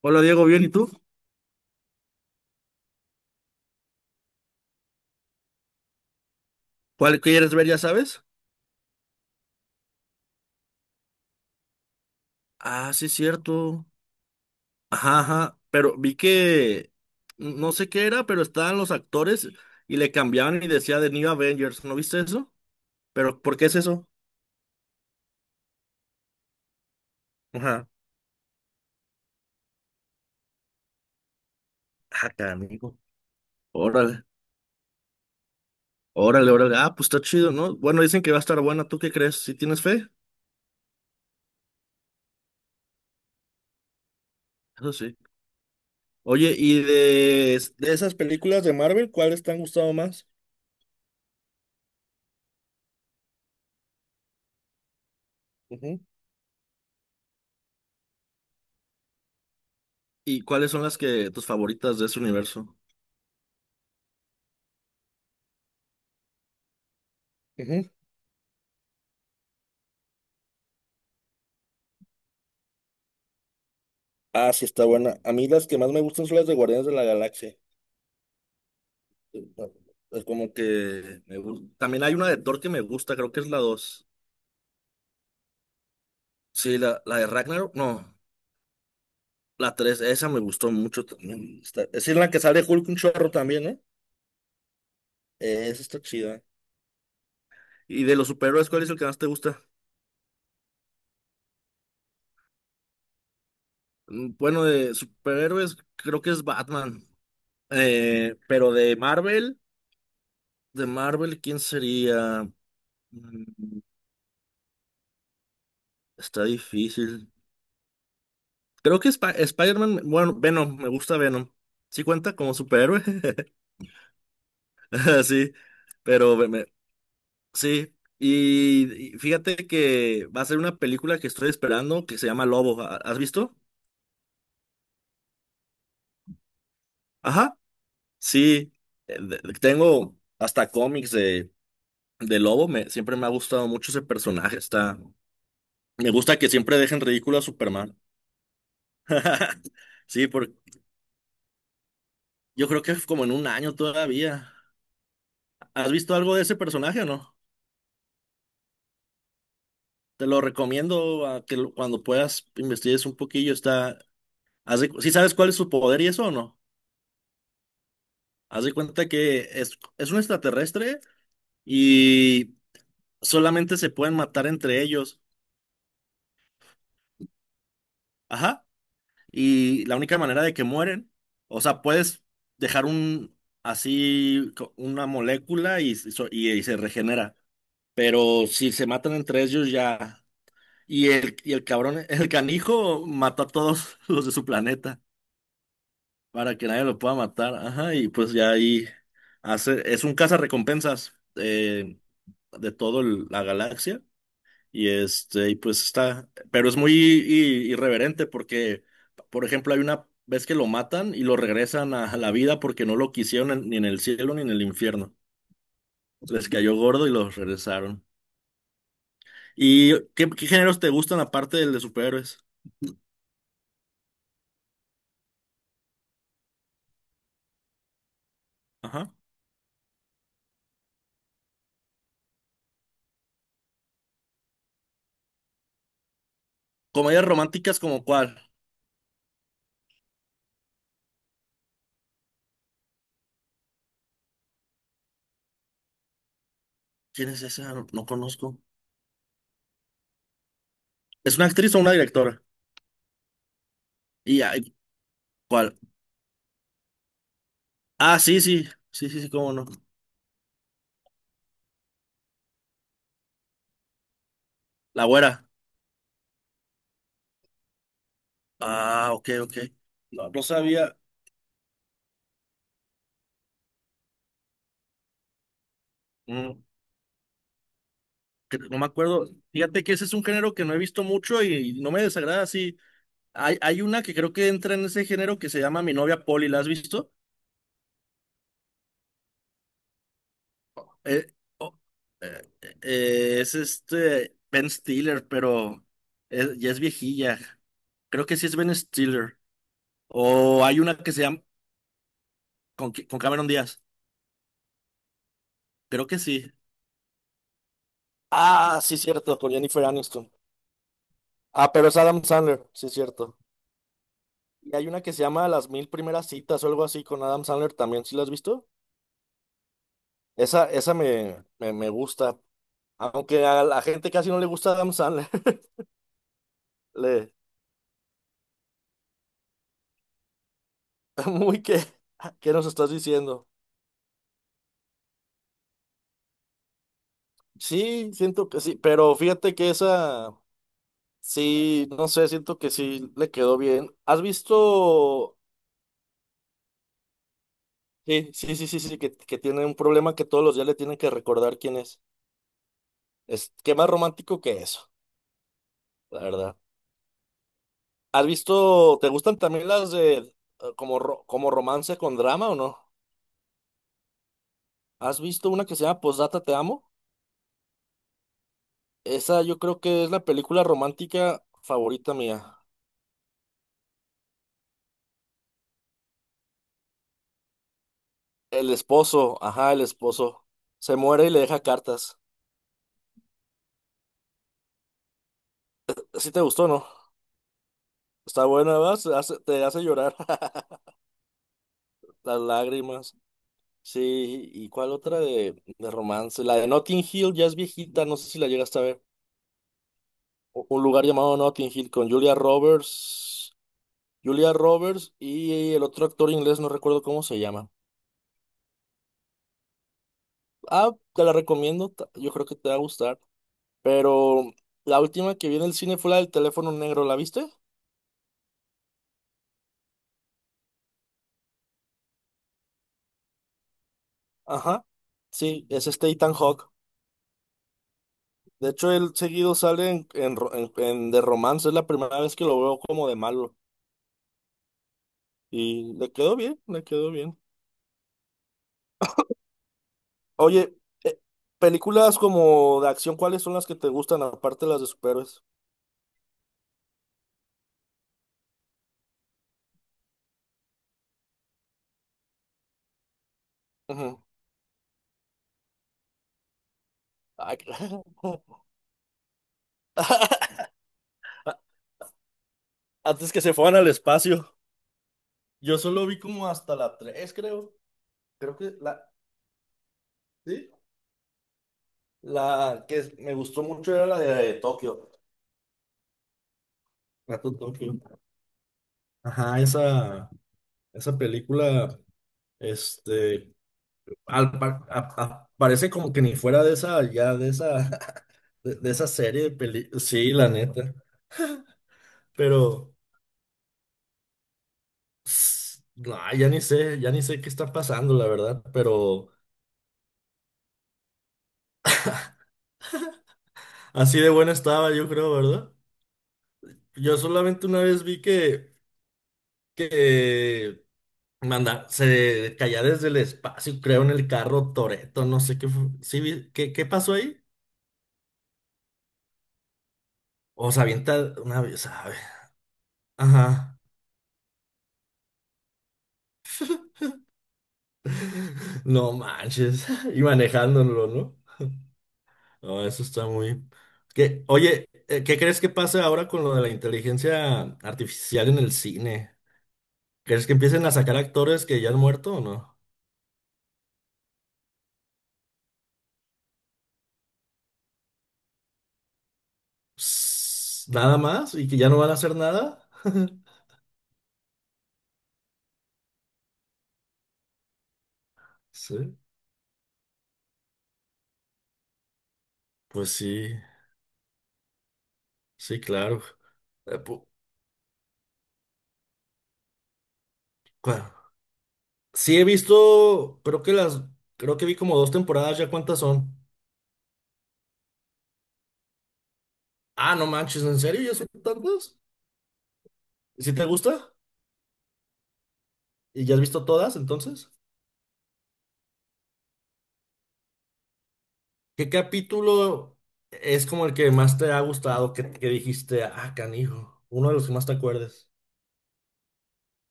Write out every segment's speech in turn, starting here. Hola Diego, bien, ¿y tú? ¿Cuál quieres ver, ya sabes? Ah, sí, cierto. Ajá, ajá, pero vi que no sé qué era, pero estaban los actores y le cambiaban y decía The New Avengers, ¿no viste eso? Pero ¿por qué es eso? Ajá. Ah, canijo. Órale, órale, órale. Ah, pues está chido, ¿no? Bueno, dicen que va a estar buena, ¿tú qué crees? ¿Si tienes fe? Eso sí. Oye, ¿y de esas películas de Marvel, ¿cuáles te han gustado más? Ujú. ¿Y cuáles son las que tus favoritas de ese universo? Ah, sí, está buena. A mí las que más me gustan son las de Guardianes de la Galaxia. Es como que me gusta. También hay una de Thor que me gusta, creo que es la dos. Sí, la de Ragnarok, no, la 3. Esa me gustó mucho también. Es en la que sale Hulk un chorro también, ¿eh? Esa está chida. ¿Y de los superhéroes, cuál es el que más te gusta? Mm, bueno, de superhéroes creo que es Batman. Pero de Marvel, ¿quién sería? Mm, Está difícil. Creo que Spider-Man, bueno, Venom, me gusta Venom. Sí cuenta como superhéroe, sí, pero sí. Y fíjate que va a ser una película que estoy esperando que se llama Lobo. ¿Has visto? Ajá, sí. Tengo hasta cómics de Lobo. Siempre me ha gustado mucho ese personaje. Está, me gusta que siempre dejen ridículo a Superman. Sí, porque yo creo que es como en un año todavía. ¿Has visto algo de ese personaje o no? Te lo recomiendo a que cuando puedas investigues un poquillo. Está, ¿sí sabes cuál es su poder y eso o no? Haz de cuenta que es un extraterrestre y solamente se pueden matar entre ellos. Ajá. Y la única manera de que mueren, o sea, puedes dejar un una molécula y se regenera. Pero si se matan entre ellos ya. Y el cabrón, el canijo mató a todos los de su planeta. Para que nadie lo pueda matar. Ajá, y pues ya ahí es un cazarrecompensas, de toda la galaxia. Y pues está, pero es muy irreverente porque, por ejemplo, hay una vez que lo matan y lo regresan a la vida porque no lo quisieron ni en el cielo ni en el infierno. Les cayó gordo y los regresaron. ¿Y qué géneros te gustan aparte del de superhéroes? Ajá. ¿Comedias románticas como cuál? ¿Quién es esa? No, no conozco. ¿Es una actriz o una directora? Y, ¿cuál? Ah, sí, sí, sí, sí, sí, cómo no. La güera. Ah, ok, ok. No, no sabía. Mm, no me acuerdo. Fíjate que ese es un género que no he visto mucho y no me desagrada así. Hay una que creo que entra en ese género que se llama Mi novia Polly, ¿la has visto? Eh, oh, eh, es este Ben Stiller, pero ya es viejilla. Creo que sí es Ben Stiller. O hay una que se llama con Cameron Díaz. Creo que sí. Ah, sí, cierto, con Jennifer Aniston. Ah, pero es Adam Sandler, sí es cierto. Y hay una que se llama Las mil primeras citas o algo así con Adam Sandler también, ¿sí la has visto? Esa me gusta, aunque a la gente casi no le gusta Adam Sandler. Le, muy que, ¿qué nos estás diciendo? Sí, siento que sí, pero fíjate que esa, sí, no sé, siento que sí le quedó bien. ¿Has visto? Sí, sí, sí, sí, sí, que tiene un problema que todos los días le tienen que recordar quién es. Es, qué más romántico que eso, la verdad. ¿Has visto, te gustan también las de como, como romance con drama o no? ¿Has visto una que se llama Posdata Te Amo? Esa yo creo que es la película romántica favorita mía. El esposo, ajá, el esposo. Se muere y le deja cartas. ¿Sí te gustó, no? Está buena, ¿verdad? Te hace llorar. Las lágrimas. Sí, ¿y cuál otra de romance? La de Notting Hill ya es viejita, no sé si la llegaste a ver. Un lugar llamado Notting Hill con Julia Roberts. Julia Roberts y el otro actor inglés, no recuerdo cómo se llama. Ah, te la recomiendo, yo creo que te va a gustar. Pero la última que vi en el cine fue la del teléfono negro, ¿la viste? Ajá. Sí, es este Ethan Hawke. De hecho, él seguido sale en de romance, es la primera vez que lo veo como de malo. Y le quedó bien, le quedó bien. Oye, eh, películas como de acción, ¿cuáles son las que te gustan aparte de las de superhéroes? Ujú. Ay, antes que se fueran al espacio. Yo solo vi como hasta la 3 creo. Creo que la, sí, la que me gustó mucho era la de Tokio. La de Tokio. Ajá, esa película, este, al, par- a- parece como que ni fuera de esa, ya de esa, de esa serie de películas. Sí, la neta. Pero, no, ya ni sé qué está pasando, la verdad. Pero así de buena estaba, yo creo, ¿verdad? Yo solamente una vez vi que Manda, se caía desde el espacio, creo, en el carro Toreto, no sé qué fue. ¿Sí, qué, qué pasó ahí? O se avienta una vez, ¿sabe? Ajá. No manches. Y manejándolo, ¿no? No, eso está muy. ¿Qué? Oye, ¿qué crees que pase ahora con lo de la inteligencia artificial en el cine? ¿Crees que empiecen a sacar actores que ya han muerto o no? Pss, nada más y que ya no van a hacer nada. Sí, pues sí, sí, claro. Claro. Sí, he visto, creo que vi como dos temporadas, ¿ya cuántas son? Ah, no manches, ¿en serio? ¿Ya son tantas? ¿Y si te gusta? ¿Y ya has visto todas entonces? ¿Qué capítulo es como el que más te ha gustado, que dijiste, ah, canijo, uno de los que más te acuerdes?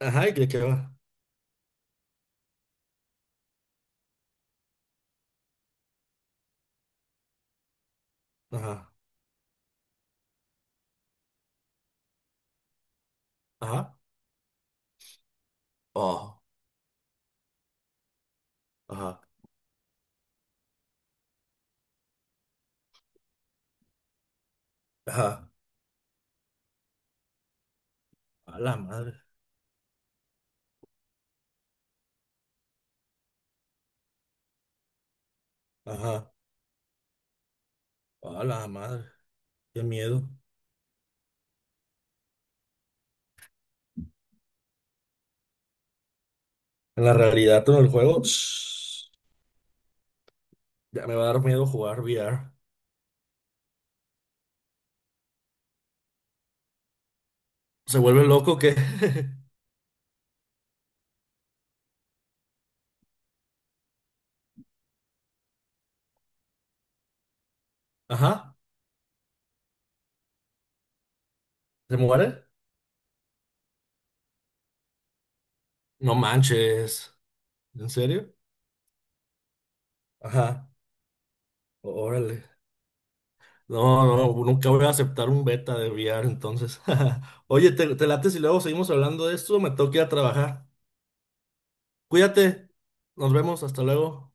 Ajá, ¿y de qué va? Ajá, ajá, oh, ajá, ajá, a la madre, ajá, a la madre, qué miedo. En la realidad, todo el juego, shh, ya me va a dar miedo jugar VR. Se vuelve loco que... Ajá. ¿Se muere? No manches. ¿En serio? Ajá. Órale. No, no, nunca voy a aceptar un beta de VR entonces. Oye, ¿te, te late si luego seguimos hablando de esto? Me tengo que ir a trabajar. Cuídate. Nos vemos. Hasta luego.